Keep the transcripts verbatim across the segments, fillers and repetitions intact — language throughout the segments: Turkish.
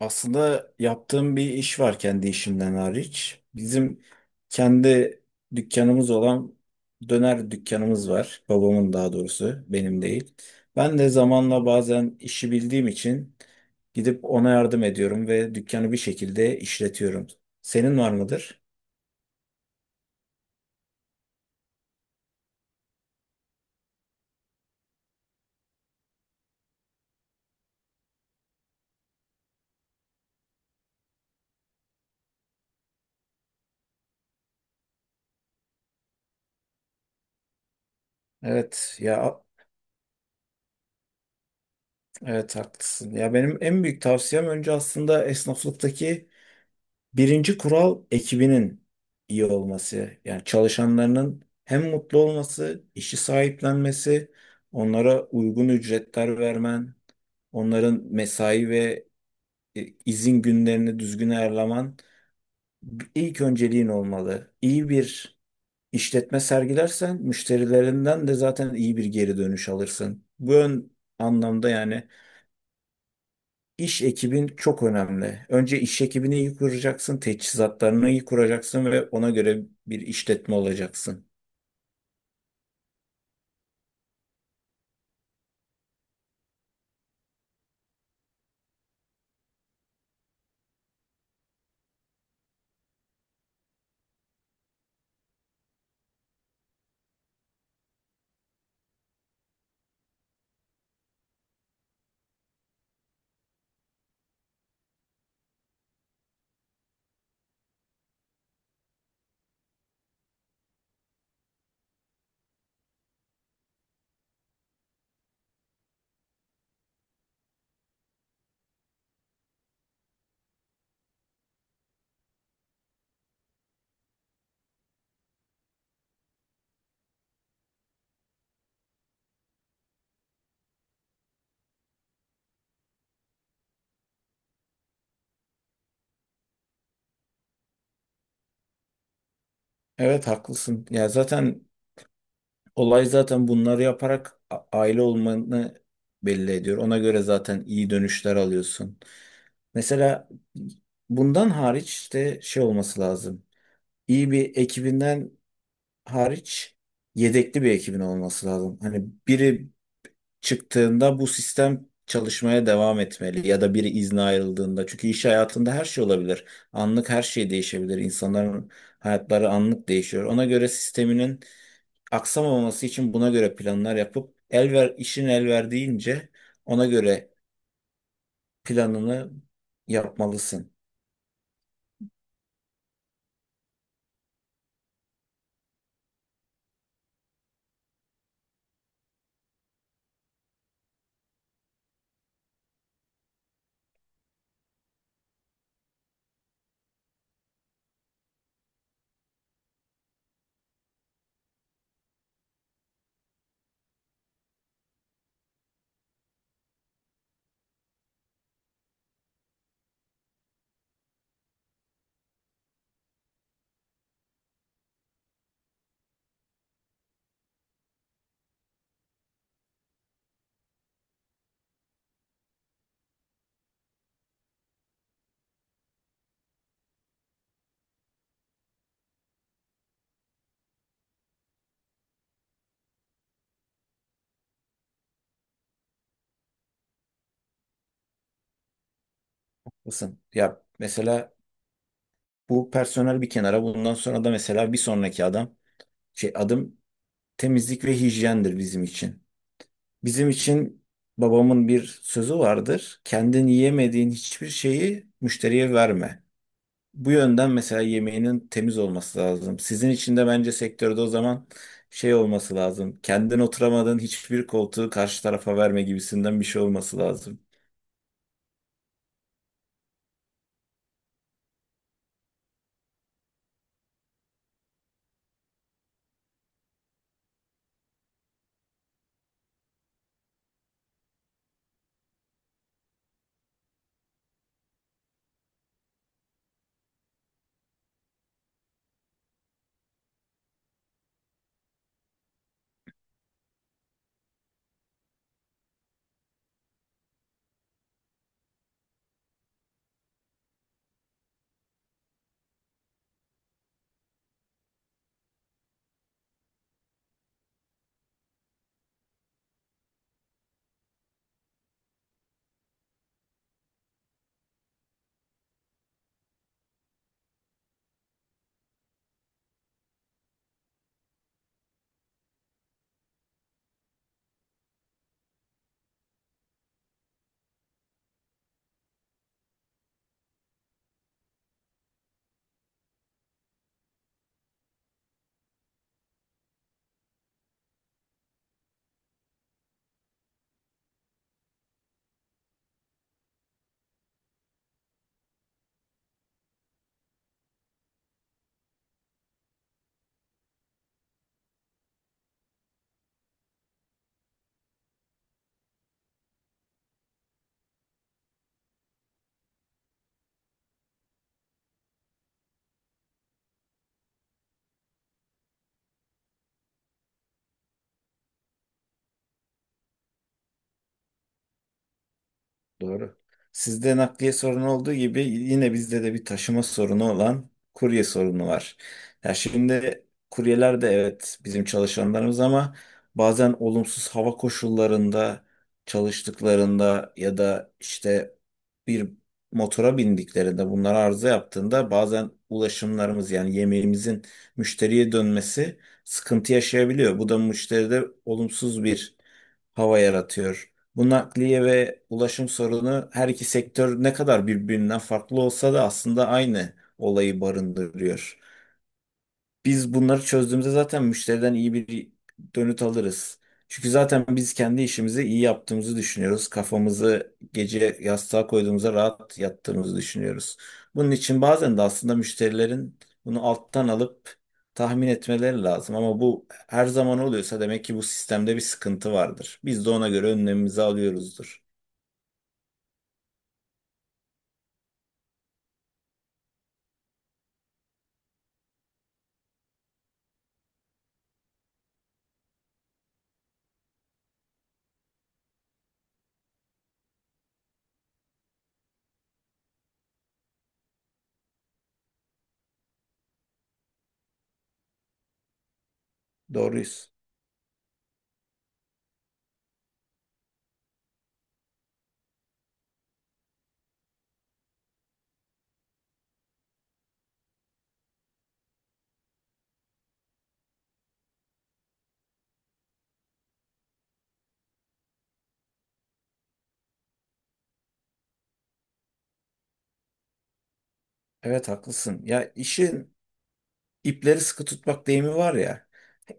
Aslında yaptığım bir iş var kendi işimden hariç. Bizim kendi dükkanımız olan döner dükkanımız var. Babamın daha doğrusu, benim değil. Ben de zamanla bazen işi bildiğim için gidip ona yardım ediyorum ve dükkanı bir şekilde işletiyorum. Senin var mıdır? Evet ya evet haklısın. Ya benim en büyük tavsiyem önce aslında esnaflıktaki birinci kural ekibinin iyi olması. Yani çalışanlarının hem mutlu olması, işi sahiplenmesi, onlara uygun ücretler vermen, onların mesai ve e, izin günlerini düzgün ayarlaman ilk önceliğin olmalı. İyi bir işletme sergilersen müşterilerinden de zaten iyi bir geri dönüş alırsın. Bu ön anlamda yani İş ekibin çok önemli. Önce iş ekibini iyi kuracaksın, teçhizatlarını iyi kuracaksın ve ona göre bir işletme olacaksın. Evet, haklısın. Ya zaten olay zaten bunları yaparak a- aile olmanı belli ediyor. Ona göre zaten iyi dönüşler alıyorsun. Mesela bundan hariç işte şey olması lazım. İyi bir ekibinden hariç yedekli bir ekibin olması lazım. Hani biri çıktığında bu sistem çalışmaya devam etmeli ya da biri izne ayrıldığında. Çünkü iş hayatında her şey olabilir. Anlık her şey değişebilir. İnsanların hayatları anlık değişiyor. Ona göre sisteminin aksamaması için buna göre planlar yapıp el ver, işin el verdiğince ona göre planını yapmalısın. Mısın? Ya mesela bu personel bir kenara. Bundan sonra da mesela bir sonraki adam şey adım temizlik ve hijyendir bizim için. Bizim için babamın bir sözü vardır. Kendin yiyemediğin hiçbir şeyi müşteriye verme. Bu yönden mesela yemeğinin temiz olması lazım. Sizin için de bence sektörde o zaman şey olması lazım. Kendin oturamadığın hiçbir koltuğu karşı tarafa verme gibisinden bir şey olması lazım. Doğru. Sizde nakliye sorunu olduğu gibi yine bizde de bir taşıma sorunu olan kurye sorunu var. Ya şimdi kuryeler de evet bizim çalışanlarımız ama bazen olumsuz hava koşullarında çalıştıklarında ya da işte bir motora bindiklerinde bunlar arıza yaptığında bazen ulaşımlarımız yani yemeğimizin müşteriye dönmesi sıkıntı yaşayabiliyor. Bu da müşteride olumsuz bir hava yaratıyor. Bu nakliye ve ulaşım sorunu her iki sektör ne kadar birbirinden farklı olsa da aslında aynı olayı barındırıyor. Biz bunları çözdüğümüzde zaten müşteriden iyi bir dönüt alırız. Çünkü zaten biz kendi işimizi iyi yaptığımızı düşünüyoruz. Kafamızı gece yastığa koyduğumuzda rahat yattığımızı düşünüyoruz. Bunun için bazen de aslında müşterilerin bunu alttan alıp tahmin etmeleri lazım. Ama bu her zaman oluyorsa demek ki bu sistemde bir sıkıntı vardır. Biz de ona göre önlemimizi alıyoruzdur. Doğruyuz. Evet, haklısın. Ya işin ipleri sıkı tutmak deyimi var ya.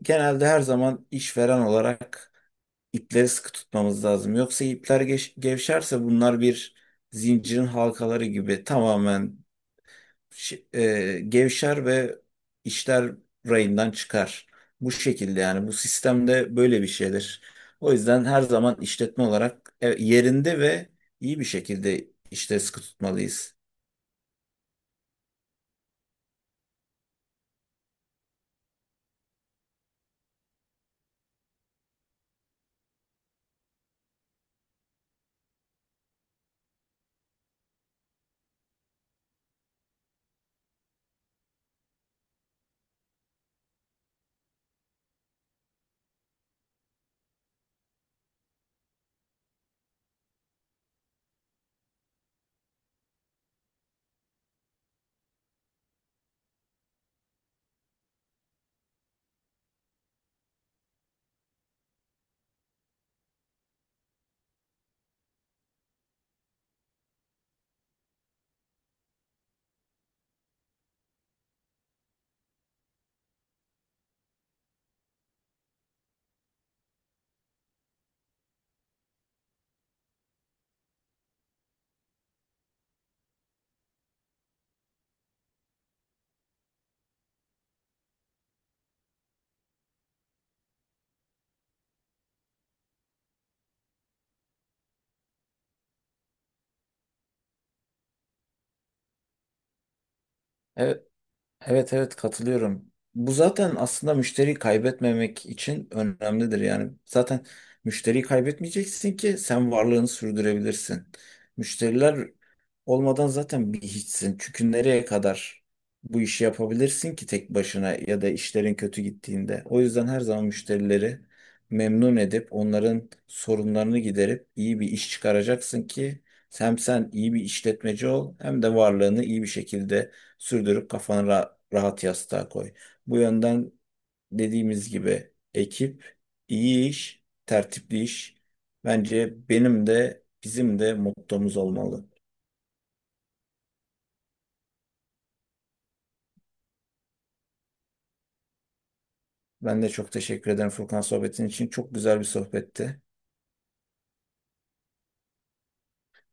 Genelde her zaman işveren olarak ipleri sıkı tutmamız lazım. Yoksa ipler geş- gevşerse bunlar bir zincirin halkaları gibi tamamen şi- e, gevşer ve işler rayından çıkar. Bu şekilde yani bu sistemde böyle bir şeydir. O yüzden her zaman işletme olarak e, yerinde ve iyi bir şekilde işte sıkı tutmalıyız. Evet. Evet evet katılıyorum. Bu zaten aslında müşteriyi kaybetmemek için önemlidir. Yani zaten müşteriyi kaybetmeyeceksin ki sen varlığını sürdürebilirsin. Müşteriler olmadan zaten bir hiçsin. Çünkü nereye kadar bu işi yapabilirsin ki tek başına ya da işlerin kötü gittiğinde. O yüzden her zaman müşterileri memnun edip onların sorunlarını giderip iyi bir iş çıkaracaksın ki hem sen iyi bir işletmeci ol hem de varlığını iyi bir şekilde sürdürüp kafanı ra- rahat yastığa koy. Bu yönden dediğimiz gibi ekip, iyi iş, tertipli iş. Bence benim de bizim de mottomuz olmalı. Ben de çok teşekkür ederim Furkan sohbetin için. Çok güzel bir sohbetti.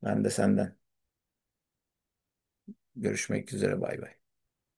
Ben de senden. Görüşmek üzere. Bay bay.